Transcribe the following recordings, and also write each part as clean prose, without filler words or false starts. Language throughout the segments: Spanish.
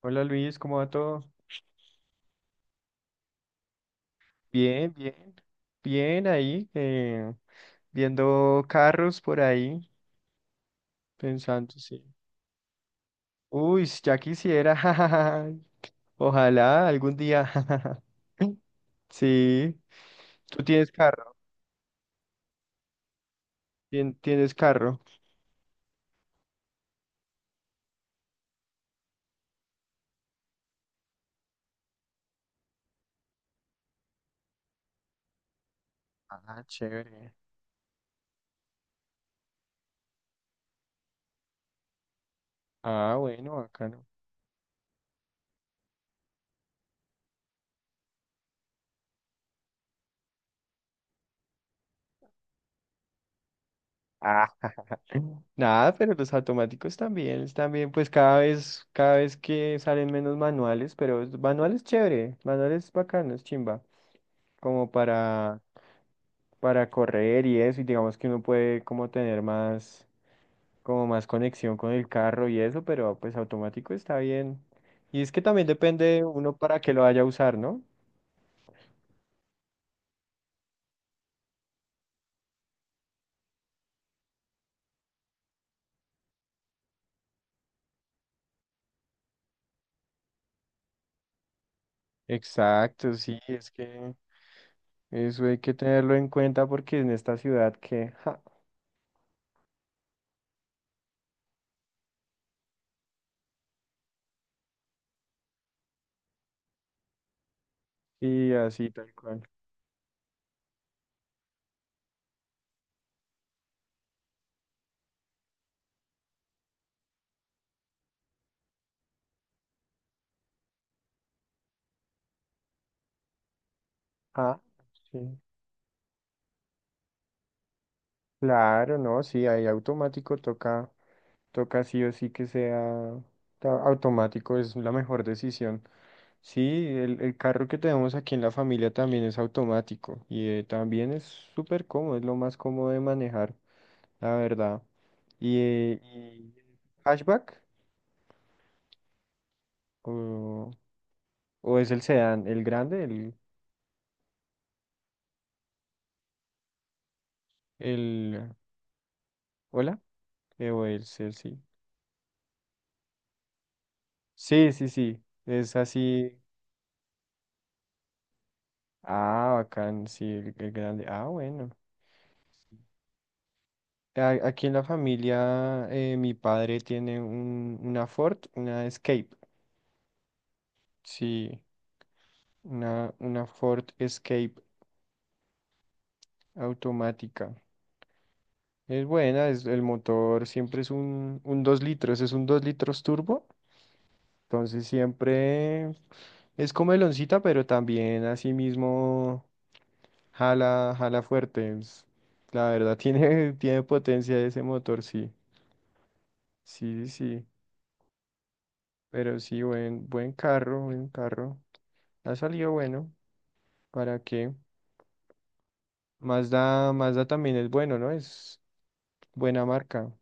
Hola Luis, ¿cómo va todo? Bien, bien, bien ahí, viendo carros por ahí, pensando, sí. Uy, si ya quisiera, jajaja, ojalá algún día, jajaja. Sí, tú tienes carro, tien- tienes carro. Ah, chévere. Ah, bueno, bacano. Ah, nada, pero los automáticos también, están bien, pues cada vez que salen menos manuales, pero manuales chévere, manuales bacanos, chimba, como para correr y eso, y digamos que uno puede como tener más, como más conexión con el carro y eso, pero pues automático está bien. Y es que también depende uno para qué lo vaya a usar, ¿no? Exacto, sí, es que eso hay que tenerlo en cuenta porque en esta ciudad que, ja, y así tal cual. Ah, sí. Claro, no, sí, ahí automático toca, toca sí o sí que sea ta- automático, es la mejor decisión. Sí, el carro que tenemos aquí en la familia también es automático y también es súper cómodo, es lo más cómodo de manejar, la verdad. Y hatchback? ¿O, es el sedán, el grande, el, hola? O el Sí. Sí, sí, sí, es así. Ah, bacán, sí, el grande. Ah, bueno. Aquí en la familia, mi padre tiene una Ford, una Escape, sí. Una Ford Escape automática. Es buena, es, el motor siempre es un 2 litros, es un 2 litros turbo. Entonces siempre es comeloncita, pero también así mismo jala, jala fuerte. La verdad, tiene potencia ese motor, sí. Sí, sí, sí. Pero sí, buen carro, buen carro. Ha salido bueno. ¿Para qué? Mazda, Mazda también es bueno, ¿no? Es buena marca.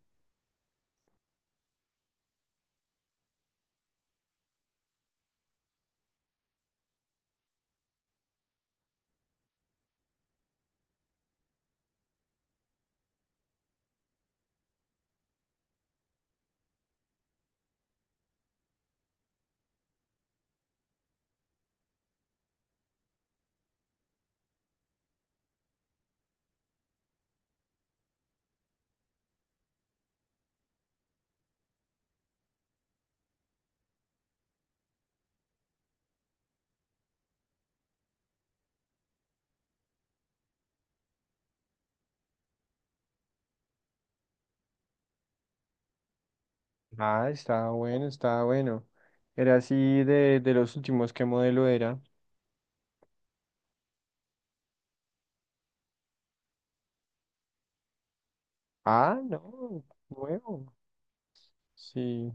Ah, estaba bueno, estaba bueno. Era así de los últimos, ¿qué modelo era? Ah, no, nuevo. Sí.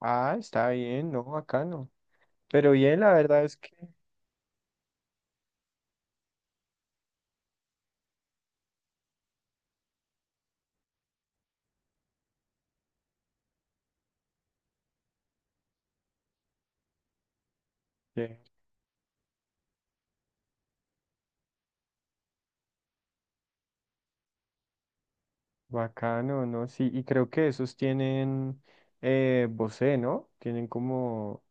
Ah, está bien, no, bacano. Pero bien, la verdad es que bacano, ¿no? Sí, y creo que esos tienen Bose, ¿no? Tienen como,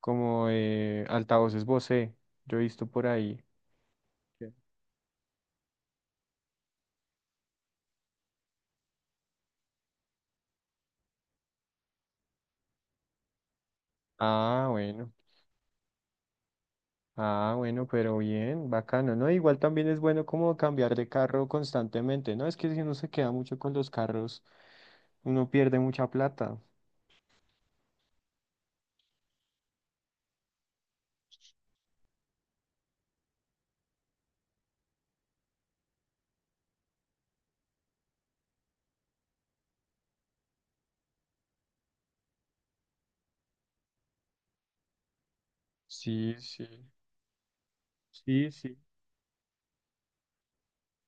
como altavoces Bose. Yo he visto por ahí. Sí. Ah, bueno. Ah, bueno, pero bien, bacano, ¿no? Igual también es bueno como cambiar de carro constantemente, ¿no? Es que si uno se queda mucho con los carros, uno pierde mucha plata. Sí, sí, sí, sí.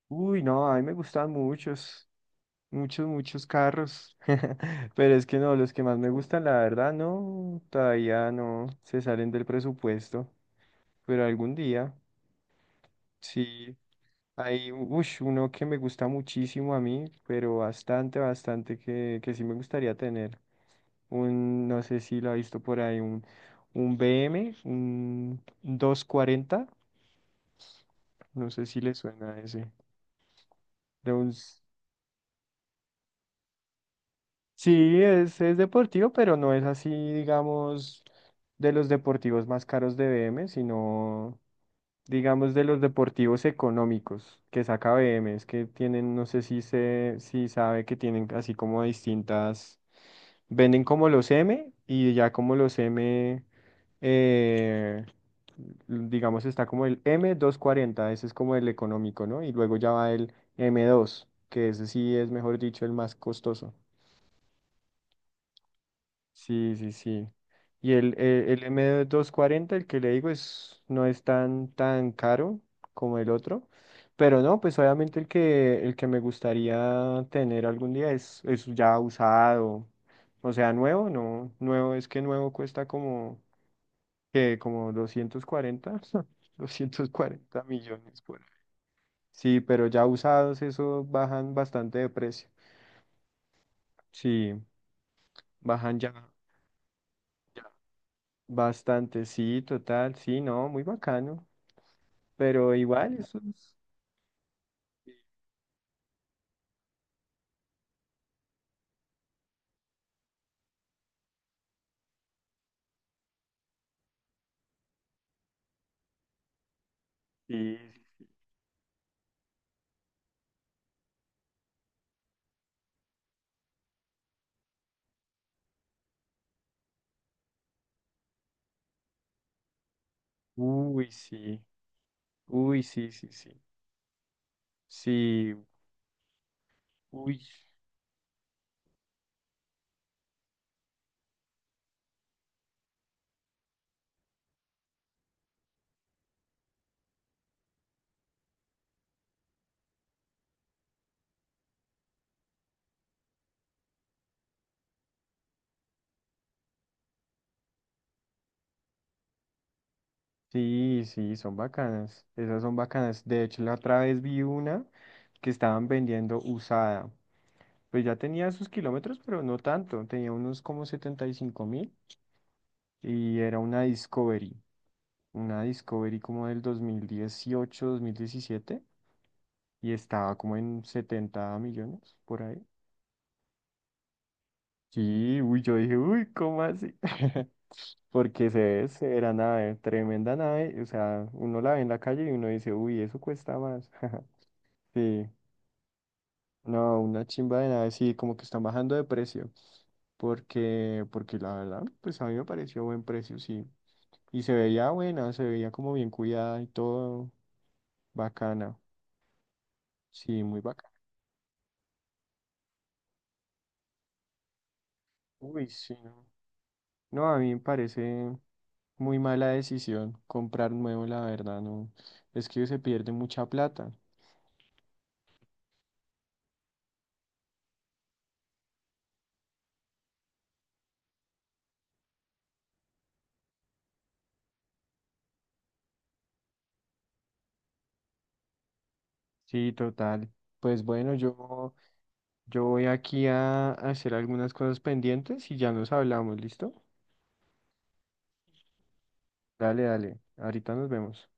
Uy, no, a mí me gustan muchos, muchos, muchos carros. Pero es que no, los que más me gustan, la verdad, no, todavía no se salen del presupuesto. Pero algún día, sí. Hay ush, uno que me gusta muchísimo a mí, pero bastante, bastante que sí me gustaría tener. Un, no sé si la ha visto por ahí, un BM, un 240, no sé si le suena a ese. De un, sí, es deportivo, pero no es así, digamos, de los deportivos más caros de BM, sino, digamos, de los deportivos económicos que saca BM, es que tienen, no sé si se, si sabe que tienen así como distintas, venden como los M y ya como los M. eh, digamos, está como el m 240, ese es como el económico, ¿no? Y luego ya va el m dos, que ese sí es, mejor dicho, el más costoso. Sí, sí, sí. Y el m doscientos cuarenta, el que le digo, es, no es tan, tan caro como el otro. Pero no, pues obviamente el que me gustaría tener algún día es ya usado. O sea, nuevo, no. Nuevo es que nuevo cuesta como que como 240, 240 millones por ahí. Sí, pero ya usados, eso bajan bastante de precio. Sí, bajan ya, ya bastante, sí, total, sí, no, muy bacano. Pero igual, eso es. Sí, uy, sí, uy, sí, sí, sí. Sí, uy, sí, sí, son bacanas. Esas son bacanas. De hecho, la otra vez vi una que estaban vendiendo usada. Pues ya tenía sus kilómetros, pero no tanto. Tenía unos como 75.000 y era una Discovery. Una Discovery como del 2018, 2017, y estaba como en 70 millones por ahí. Sí, uy, yo dije, uy, ¿cómo así? Porque se es, era nave, tremenda nave. O sea, uno la ve en la calle y uno dice, uy, eso cuesta más. Sí. No, una chimba de nada, sí, como que están bajando de precio. Porque, porque la verdad, pues a mí me pareció buen precio, sí. Y se veía buena, se veía como bien cuidada y todo bacana. Sí, muy bacana. Uy, sí, no. No, a mí me parece muy mala decisión comprar nuevo, la verdad, no. Es que se pierde mucha plata. Sí, total. Pues bueno, yo voy aquí a hacer algunas cosas pendientes y ya nos hablamos, ¿listo? Dale, dale. Ahorita nos vemos.